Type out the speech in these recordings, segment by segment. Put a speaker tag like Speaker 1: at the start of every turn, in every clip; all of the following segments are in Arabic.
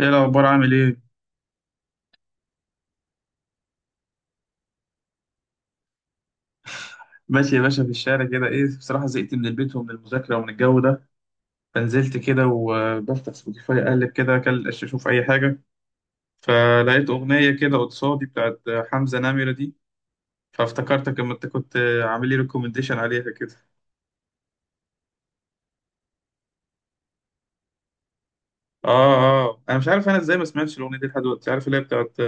Speaker 1: ايه الاخبار؟ عامل ايه؟ ماشي يا باشا. في الشارع كده. ايه بصراحه، زهقت من البيت ومن المذاكره ومن الجو ده، فنزلت كده وبفتح سبوتيفاي اقلب كده، اشوف اي حاجه، فلقيت اغنيه كده قصادي بتاعت حمزه نمره دي. فافتكرتك اما انت كنت عامل لي ريكومنديشن عليها كده. اه. اه انا مش عارف انا ازاي ما سمعتش الاغنيه دي لحد دلوقتي. عارف اللي هي بتاعت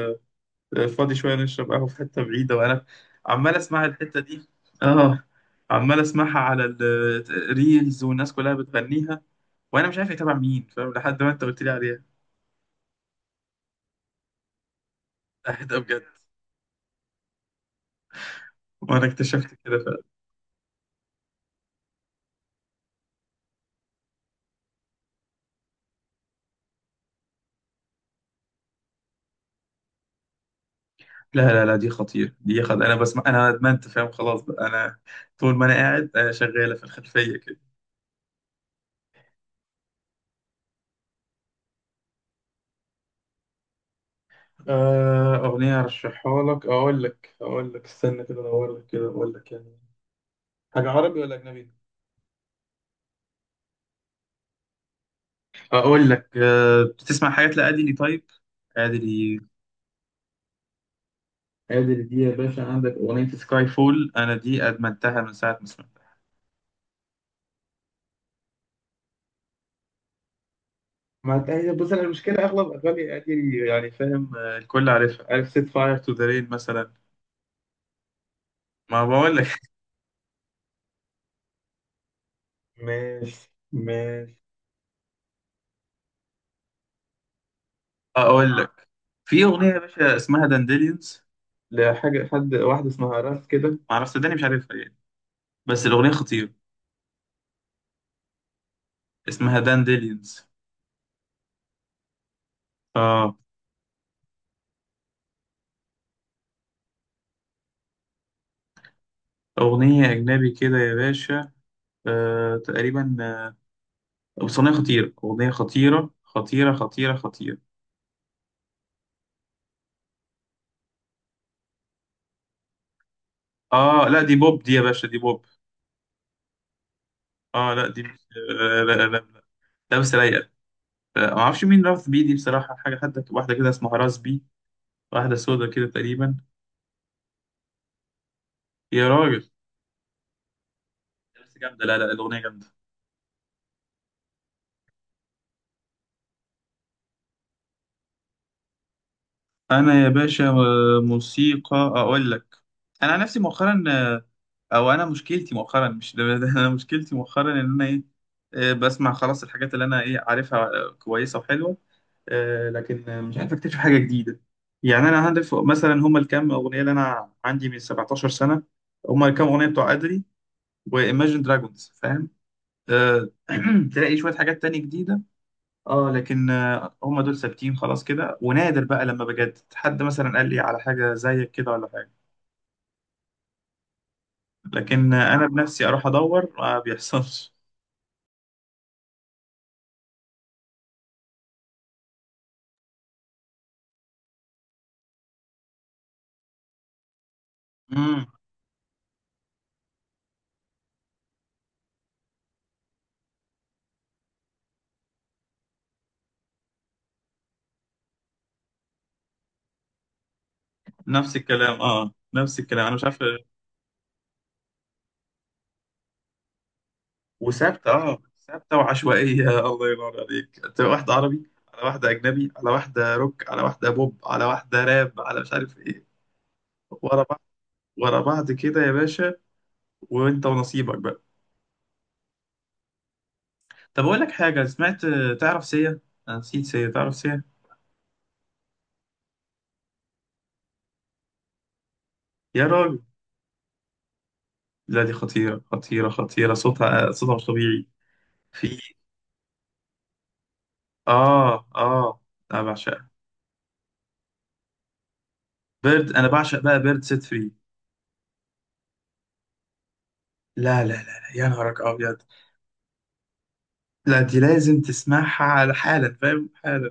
Speaker 1: فاضي شويه نشرب قهوه في حته بعيده، وانا عمال اسمع الحته دي. اه، عمال اسمعها على الريلز والناس كلها بتغنيها، وانا مش عارف يتابع مين. فاهم؟ لحد ما انت قلت لي عليها. اهدى بجد، وانا اكتشفت كده فعلا. لا، دي خطير. دي خد، انا بسمع، انا ادمنت. فاهم؟ خلاص بقى، انا طول ما انا قاعد شغاله في الخلفيه كده. اغنيه ارشحها لك، اقول لك، اقول لك، استنى كده ادور لك كده اقول لك. يعني حاجه عربي ولا اجنبي؟ اقول لك، بتسمع حاجات لأديلي؟ طيب، أديلي، أديلي دي يا باشا، عندك أغنية سكاي فول؟ أنا دي أدمنتها من ساعة ما سمعتها. ما انت هي، بص، انا المشكله اغلب اغاني ادي يعني. فاهم؟ الكل عارفها. عارف سيت فاير تو ذا رين مثلا؟ ما بقول لك. ماشي ماشي. اقول لك، في اغنيه يا باشا اسمها دانديليونز، لحاجه، حد واحده اسمها راس كده، ما اعرفش، صدقني مش عارفها يعني، بس الاغنيه خطيره. اسمها دانديليونز. اه، اغنيه اجنبي كده يا باشا. آه، تقريبا. بس اغنيه خطيره، اغنيه خطيره. اه لا، دي بوب، دي يا باشا دي بوب. اه لا، دي مش آه لا لا لا لابسه رايقه. ما اعرفش مين رفض بيه دي بصراحه. حاجه حتى واحده كده اسمها راس بي، واحده سودا كده تقريبا. يا راجل، لابسه جامده. لا لا، الاغنيه جامده. انا يا باشا، موسيقى، اقول لك، انا عن نفسي مؤخرا، آه، او انا مشكلتي مؤخرا، مش ده ده انا مشكلتي مؤخرا ان انا ايه، بسمع خلاص الحاجات اللي انا ايه عارفها، كويسه وحلوه، لكن مش عارف اكتشف حاجه جديده. يعني انا عارف مثلا هما الكام اغنيه اللي انا عندي من 17 سنه. هما الكام اغنيه بتوع ادري وايماجين دراجونز. فاهم؟ آه، تلاقي شويه حاجات تانية جديده، اه، لكن هم دول ثابتين خلاص كده. ونادر بقى لما بجد حد مثلا قال لي على حاجه زيك كده ولا حاجه، لكن انا بنفسي اروح ادور ما بيحصلش. امم نفس الكلام، اه نفس الكلام، انا مش عارف. وثابته، اه، ثابته وعشوائيه. الله ينور عليك، تبقى واحده عربي على واحده اجنبي على واحده روك على واحده بوب على واحده راب على مش عارف ايه، ورا بعض، ورا بعض كده يا باشا، وانت ونصيبك بقى. طب اقول لك حاجه سمعت، تعرف سيا؟ انا نسيت، سيا تعرف؟ سيا، يا راجل، لا دي خطيره، صوتها، صوتها مش طبيعي. في، اه اه، انا بعشقها. بيرد، انا بعشق بقى بيرد سيت فري. لا، يا نهارك ابيض، لا دي لازم تسمعها على حالا. فاهم؟ حالا.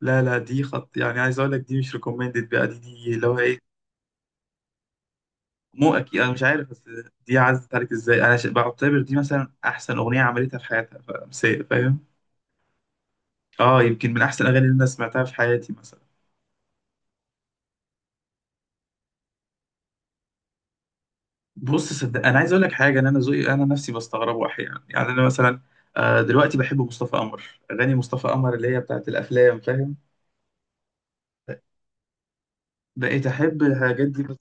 Speaker 1: لا لا، دي خط، يعني عايز اقول لك دي مش ريكومندد بقى، دي اللي هو ايه، مو اكيد. انا مش عارف بس دي عزت عليك ازاي؟ انا بعتبر دي مثلا احسن اغنيه عملتها في حياتها، سيا. فاهم؟ اه، يمكن من احسن الاغاني اللي انا سمعتها في حياتي مثلا. بص صدق، انا عايز اقول لك حاجه، ان انا ذوقي انا نفسي بستغربه احيانا يعني. انا مثلا دلوقتي بحب مصطفى قمر، اغاني مصطفى قمر اللي هي بتاعت الافلام. فاهم؟ بقيت احب الحاجات دي بس.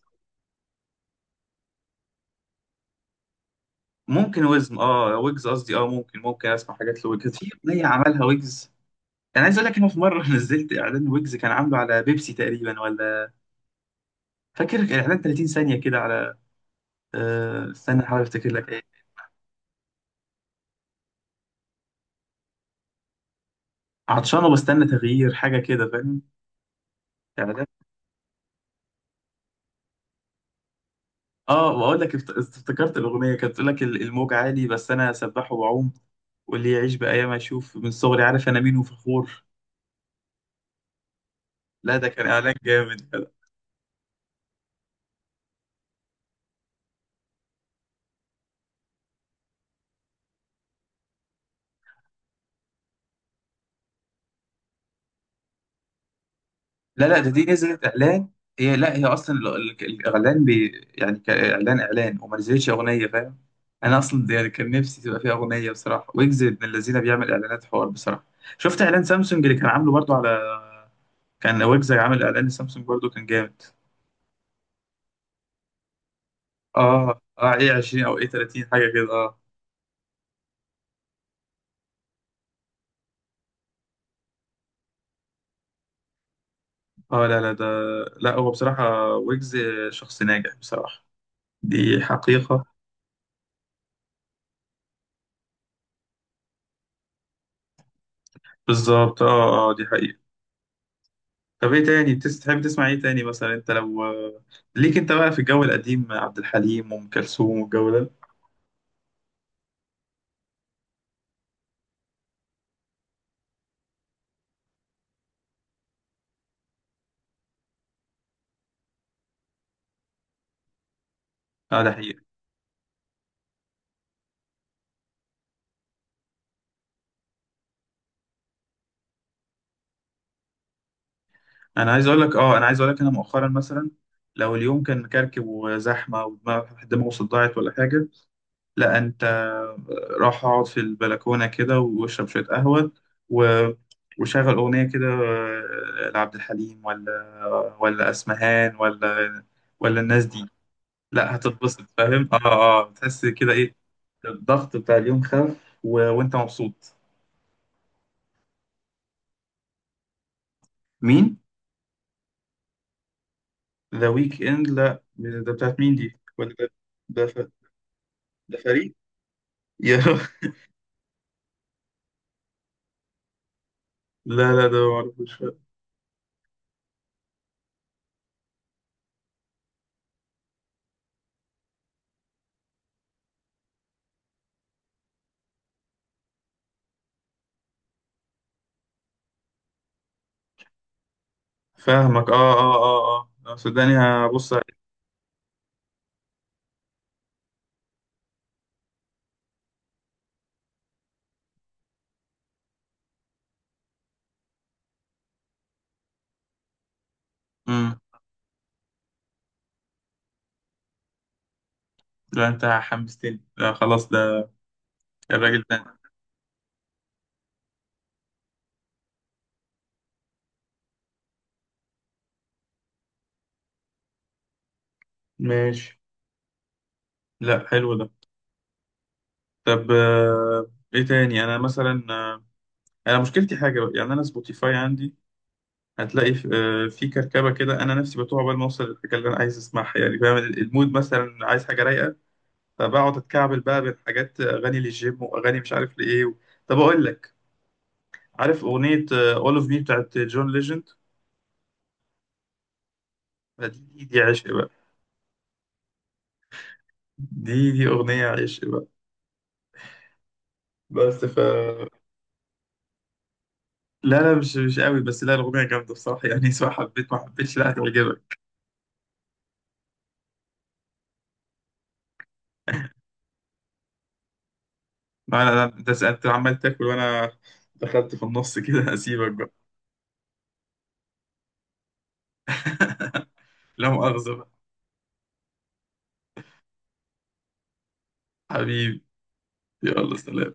Speaker 1: ممكن وزم، اه ويجز قصدي، اه ممكن، ممكن اسمع حاجات لويجز. في اغنيه عملها ويجز، انا عايز اقول لك انه في مره نزلت اعلان، ويجز كان عامله على بيبسي تقريبا ولا، فاكر اعلان 30 ثانيه كده على استنى احاول افتكر لك ايه. عطشان وبستنى تغيير حاجه كده. فاهم؟ اعلان، اه، واقول لك افتكرت الاغنيه كانت بتقول لك الموج عالي بس انا سباح وبعوم، واللي يعيش بايام اشوف، من صغري عارف انا مين وفخور. لا، ده كان اعلان جامد. لا لا، ده دي نزلت اعلان، هي لا، هي اصلا الاعلان بي، يعني كاعلان اعلان، وما نزلتش اغنيه. فاهم؟ انا اصلا ده يعني كان نفسي تبقى فيها اغنيه بصراحه. ويجز من الذين بيعمل اعلانات حوار بصراحه. شفت اعلان سامسونج اللي كان عامله برضو على، كان ويجز عامل اعلان لسامسونج برضو، كان جامد. اه اه، ايه 20 او ايه 30، حاجه كده آه. اه لا لا ده، لا هو بصراحة ويجز شخص ناجح بصراحة، دي حقيقة. بالظبط، اه اه، دي حقيقة. طب ايه تاني تحب تسمع ايه تاني مثلا؟ انت لو ليك انت بقى في الجو القديم عبد الحليم وام كلثوم والجو ده. اه، ده حقيقة. انا عايز اقول لك، اه، انا عايز اقول لك، انا مؤخرا مثلا لو اليوم كان مكركب وزحمة دماغه صداعت ولا حاجة، لا انت، راح اقعد في البلكونه كده واشرب شويه قهوه، و... وشغل اغنيه كده لعبد الحليم ولا اسمهان ولا الناس دي، لا هتتبسط. فاهم؟ اه اه، تحس كده ايه، الضغط بتاع اليوم خف، و... وانت مبسوط. مين؟ ذا ويك اند؟ لا ده بتاعت مين دي ولا ده، ده، ف... ده فريق؟ يا لا لا، ده معرفوش. فاهمك، اه اه اه، اه صدقني. هبص عليه. لا انت حمستني، لا خلاص ده، الراجل ده، ماشي. لا حلو ده. طب ايه تاني؟ انا مثلا انا مشكلتي حاجه بقى، يعني انا سبوتيفاي عندي هتلاقي في في كركبه كده. انا نفسي بتوع عقبال ما اوصل للحاجه اللي انا عايز اسمعها يعني. فاهم؟ المود مثلا عايز حاجه رايقه، فبقعد اتكعبل بقى بين حاجات اغاني للجيم واغاني مش عارف لايه و... طب اقول لك، عارف اغنيه اول اوف مي بتاعت جون ليجند؟ دي عشق بقى، دي اغنيه عشق بقى. بس ف، لا لا، مش مش قوي، بس لا الأغنية جامدة بصراحة يعني. سواء حبيت ما حبيتش، لا هتعجبك. لا، ده أنت عمال تاكل وأنا دخلت في النص كده، هسيبك بقى. لا مؤاخذة بقى. حبيبي، يلا سلام.